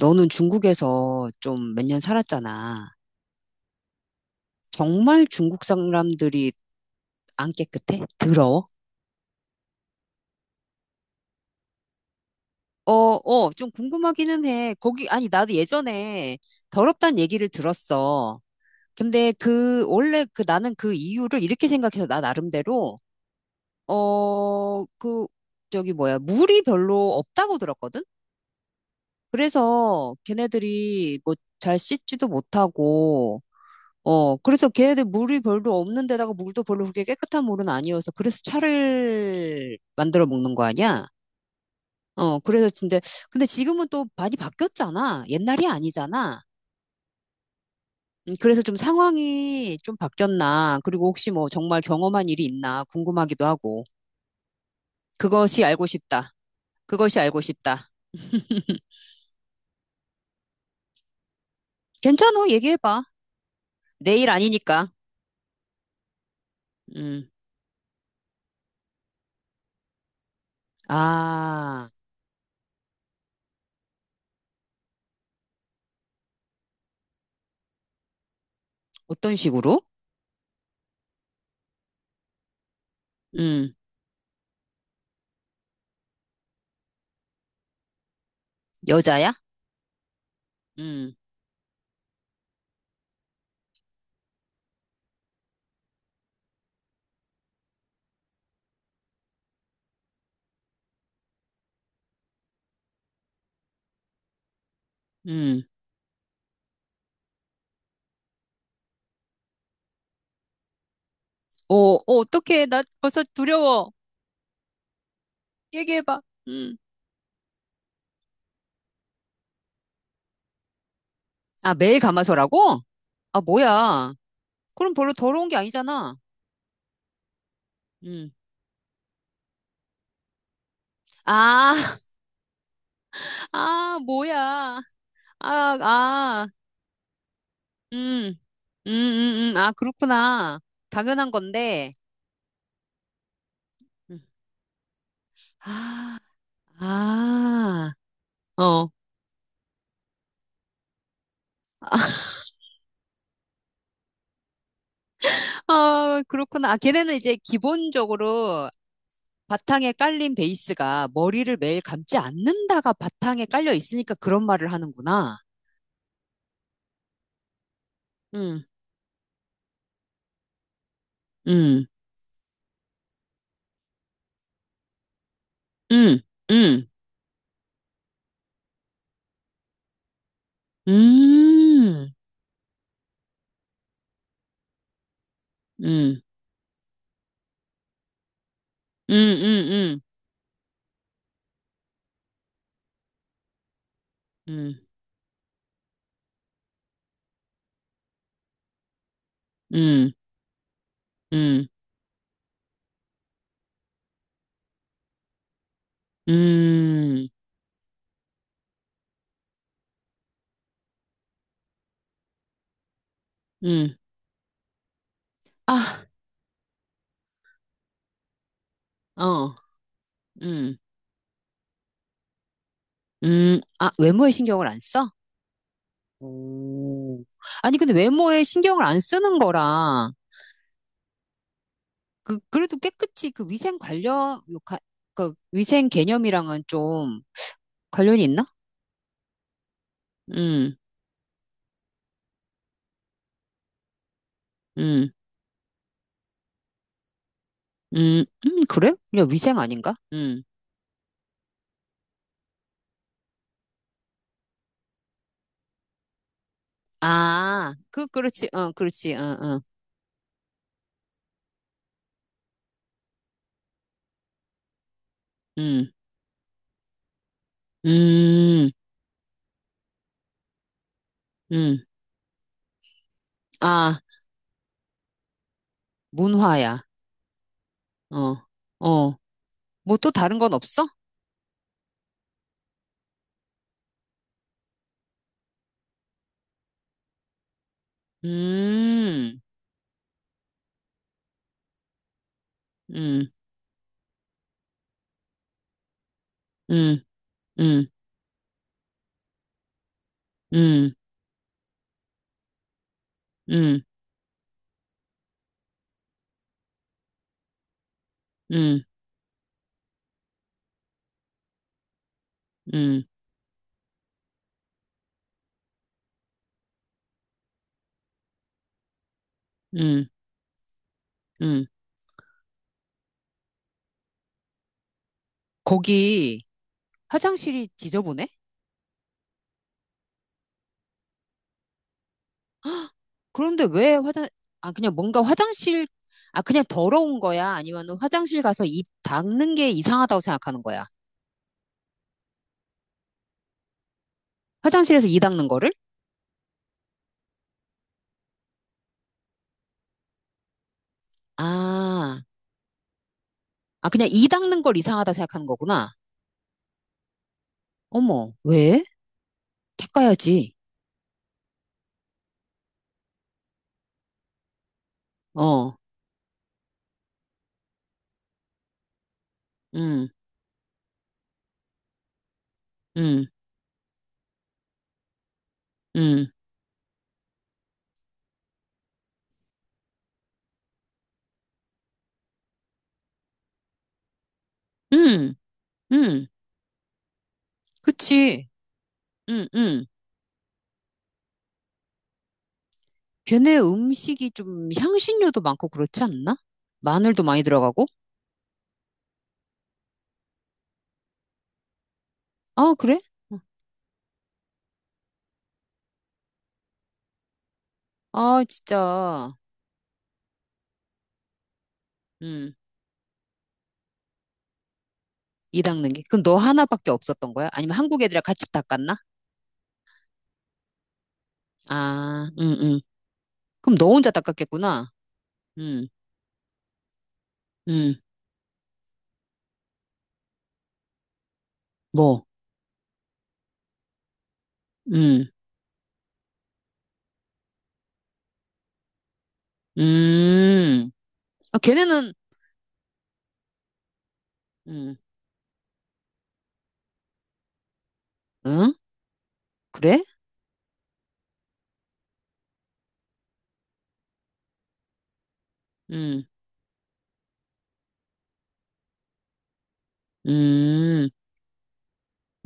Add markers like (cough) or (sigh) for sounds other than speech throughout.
너는 중국에서 좀 몇 년 살았잖아. 정말 중국 사람들이 안 깨끗해? 더러워? 좀 궁금하기는 해. 거기, 아니, 나도 예전에 더럽다는 얘기를 들었어. 근데 원래 나는 이유를 이렇게 생각해서 나 나름대로, 어, 그, 저기 뭐야, 물이 별로 없다고 들었거든? 그래서 걔네들이 뭐 잘 씻지도 못하고, 그래서 걔네들 물이 별로 없는 데다가 물도 별로 그렇게 깨끗한 물은 아니어서 그래서 차를 만들어 먹는 거 아니야? 어, 그래서 근데 지금은 또 많이 바뀌었잖아. 옛날이 아니잖아. 그래서 좀 상황이 좀 바뀌었나. 그리고 혹시 뭐 정말 경험한 일이 있나 궁금하기도 하고. 그것이 알고 싶다. 그것이 알고 싶다. 괜찮아. 얘기해봐. 내 일 아니니까. 음. 아, 어떤 식으로? 음. 여자야? 음. 음. 어떡해. 나 벌써 두려워. 얘기해봐. 음. 아, 매일 감아서라고? 아, 뭐야. 그럼 별로 더러운 게 아니잖아. 음. 아, (laughs) 아, 뭐야. 아, 아, 음. 아, 그렇구나. 당연한 건데. 음. 아, 아, 어. (laughs) 아, 그렇구나. 아, 걔네는 이제 기본적으로 바탕에 깔린 베이스가 머리를 매일 감지 않는다가 바탕에 깔려 있으니까 그런 말을 하는구나. 음, 음, 음, 음, 음, 음, 음, 음, 음, 음, 음, 음, 음. 아, 어, 음, 아, 외모에 신경을 안 써? 오. 아니, 근데 외모에 신경을 안 쓰는 거랑, 그래도 깨끗이 그 위생 관련, 그 위생 개념이랑은 좀 관련이 있나? 음, 음, 그래? 그냥 위생 아닌가? 음. 아, 그렇지, 그렇지, 어, 어. 음, 음, 음. 아, 문화야. 어, 어. 뭐 또 다른 건 없어? 음, 음, 음, 음, 음, 음, 음, 음, 음, 음. 거기 화장실이 지저분해? 그런데 왜 화장, 아, 그냥 뭔가 화장실, 아, 그냥 더러운 거야? 아니면 화장실 가서 이 닦는 게 이상하다고 생각하는 거야? 화장실에서 이 닦는 거를? 아, 아, 그냥 이 닦는 걸 이상하다 생각하는 거구나. 어머, 왜? 닦아야지. 어, 음, 음, 음, 음, 음, 그치. 음, 음. 걔네 음식이 좀 향신료도 많고 그렇지 않나? 마늘도 많이 들어가고? 아, 그래? 아, 진짜. 음, 이 닦는 게. 그럼 너 하나밖에 없었던 거야? 아니면 한국 애들이랑 같이 닦았나? 아, 그럼 너 혼자 닦았겠구나. 음, 음, 뭐, 음, 음. 아, 걔네는, 음, 응? 그래? 음, 음,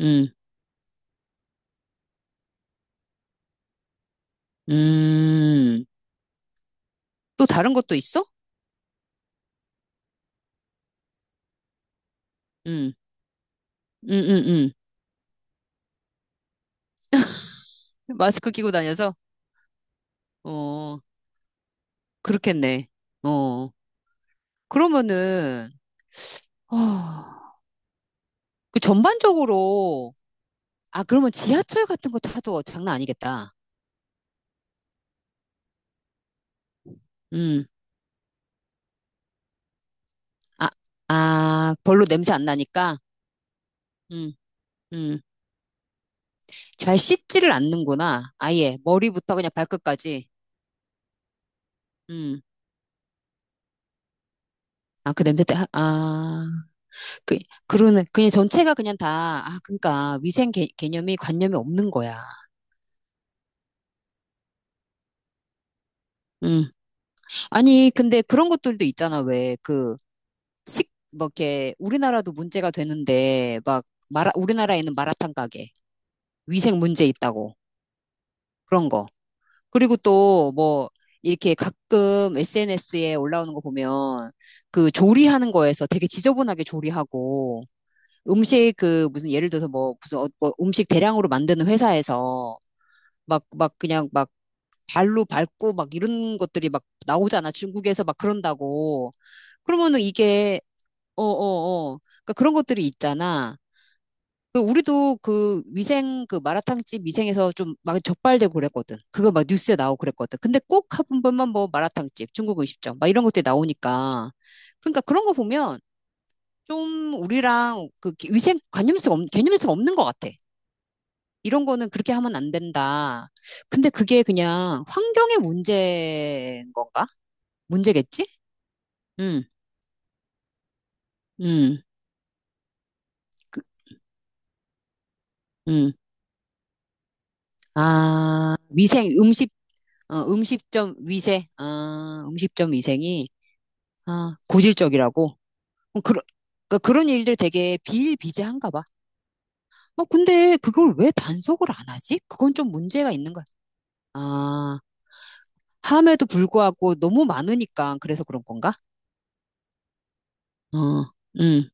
음. 음, 또 다른 것도 있어? 음, 음, 음, 마스크 끼고 다녀서? 어, 그렇겠네. 어, 그러면은, 어, 전반적으로, 아, 그러면 지하철 같은 거 타도 장난 아니겠다. 음, 아, 아, 별로 냄새 안 나니까? 음, 음. 잘 씻지를 않는구나. 아예, 머리부터 그냥 발끝까지. 음, 아, 그 냄새 때, 아, 아. 그, 그러는, 그냥 전체가 그냥 다, 아, 그러니까 위생 개념이 관념이 없는 거야. 음. 아니, 근데 그런 것들도 있잖아, 왜. 그, 뭐, 이렇게, 우리나라도 문제가 되는데, 막, 우리나라에는 마라탕 가게, 위생 문제 있다고, 그런 거. 그리고 또, 뭐, 이렇게 가끔 SNS에 올라오는 거 보면, 그 조리하는 거에서 되게 지저분하게 조리하고, 음식 무슨 예를 들어서 뭐, 무슨 뭐 음식 대량으로 만드는 회사에서, 막 그냥 막 발로 밟고 막 이런 것들이 막 나오잖아. 중국에서 막 그런다고. 그러면은 이게, 어, 어, 어. 그러니까 그런 것들이 있잖아. 그 우리도 그 위생, 그 마라탕집 위생에서 좀 막 적발되고 그랬거든. 그거 막 뉴스에 나오고 그랬거든. 근데 꼭 한 번만 뭐 마라탕집, 중국 음식점, 막 이런 것들이 나오니까. 그러니까 그런 거 보면 좀 우리랑 그 위생 관념에서, 개념에서 없는 것 같아. 이런 거는 그렇게 하면 안 된다. 근데 그게 그냥 환경의 문제인 건가? 문제겠지? 음, 음, 그, 음. 아, 위생, 음식, 음식점 위생, 아, 음식점 위생이, 아, 고질적이라고. 어, 그러, 그러니까 그런 일들 되게 비일비재한가 봐. 근데 그걸 왜 단속을 안 하지? 그건 좀 문제가 있는 거야. 아, 함에도 불구하고 너무 많으니까 그래서 그런 건가? 어, 음,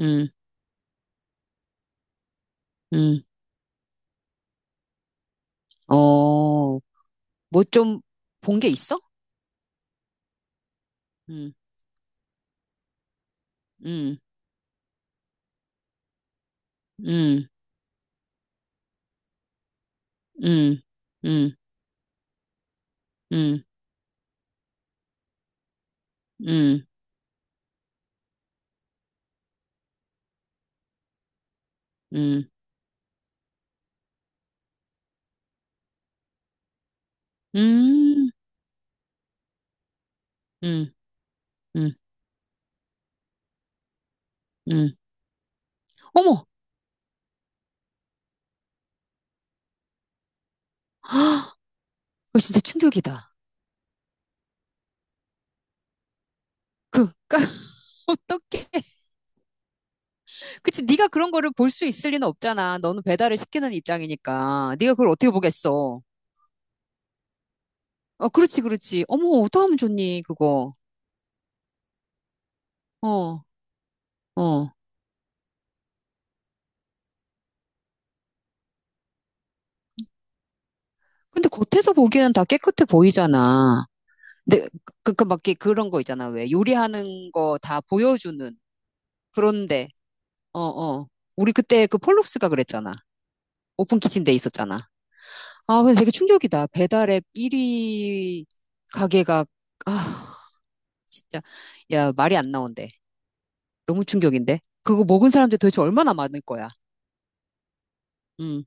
음, 음. 어, 뭐 좀 본 게 있어? 응 응 응 응 응 응 응 응 응 응 응, 응. 어머, 그거 진짜 충격이다. 그, 까, (laughs) 어떡해. 그치, 네가 그런 거를 볼 수 있을 리는 없잖아. 너는 배달을 시키는 입장이니까. 네가 그걸 어떻게 보겠어. 어, 그렇지, 그렇지. 어머, 어떡하면 좋니, 그거. 어, 어. 근데 겉에서 보기에는 다 깨끗해 보이잖아. 근데 막, 이렇게 그런 거 있잖아. 왜 요리하는 거 다 보여주는. 그런데, 어, 어. 우리 그때 그 폴록스가 그랬잖아. 오픈 키친데 있었잖아. 아, 근데 되게 충격이다. 배달 앱 1위 가게가, 아, 진짜. 야, 말이 안 나온대. 너무 충격인데? 그거 먹은 사람들 도대체 얼마나 많을 거야. 음.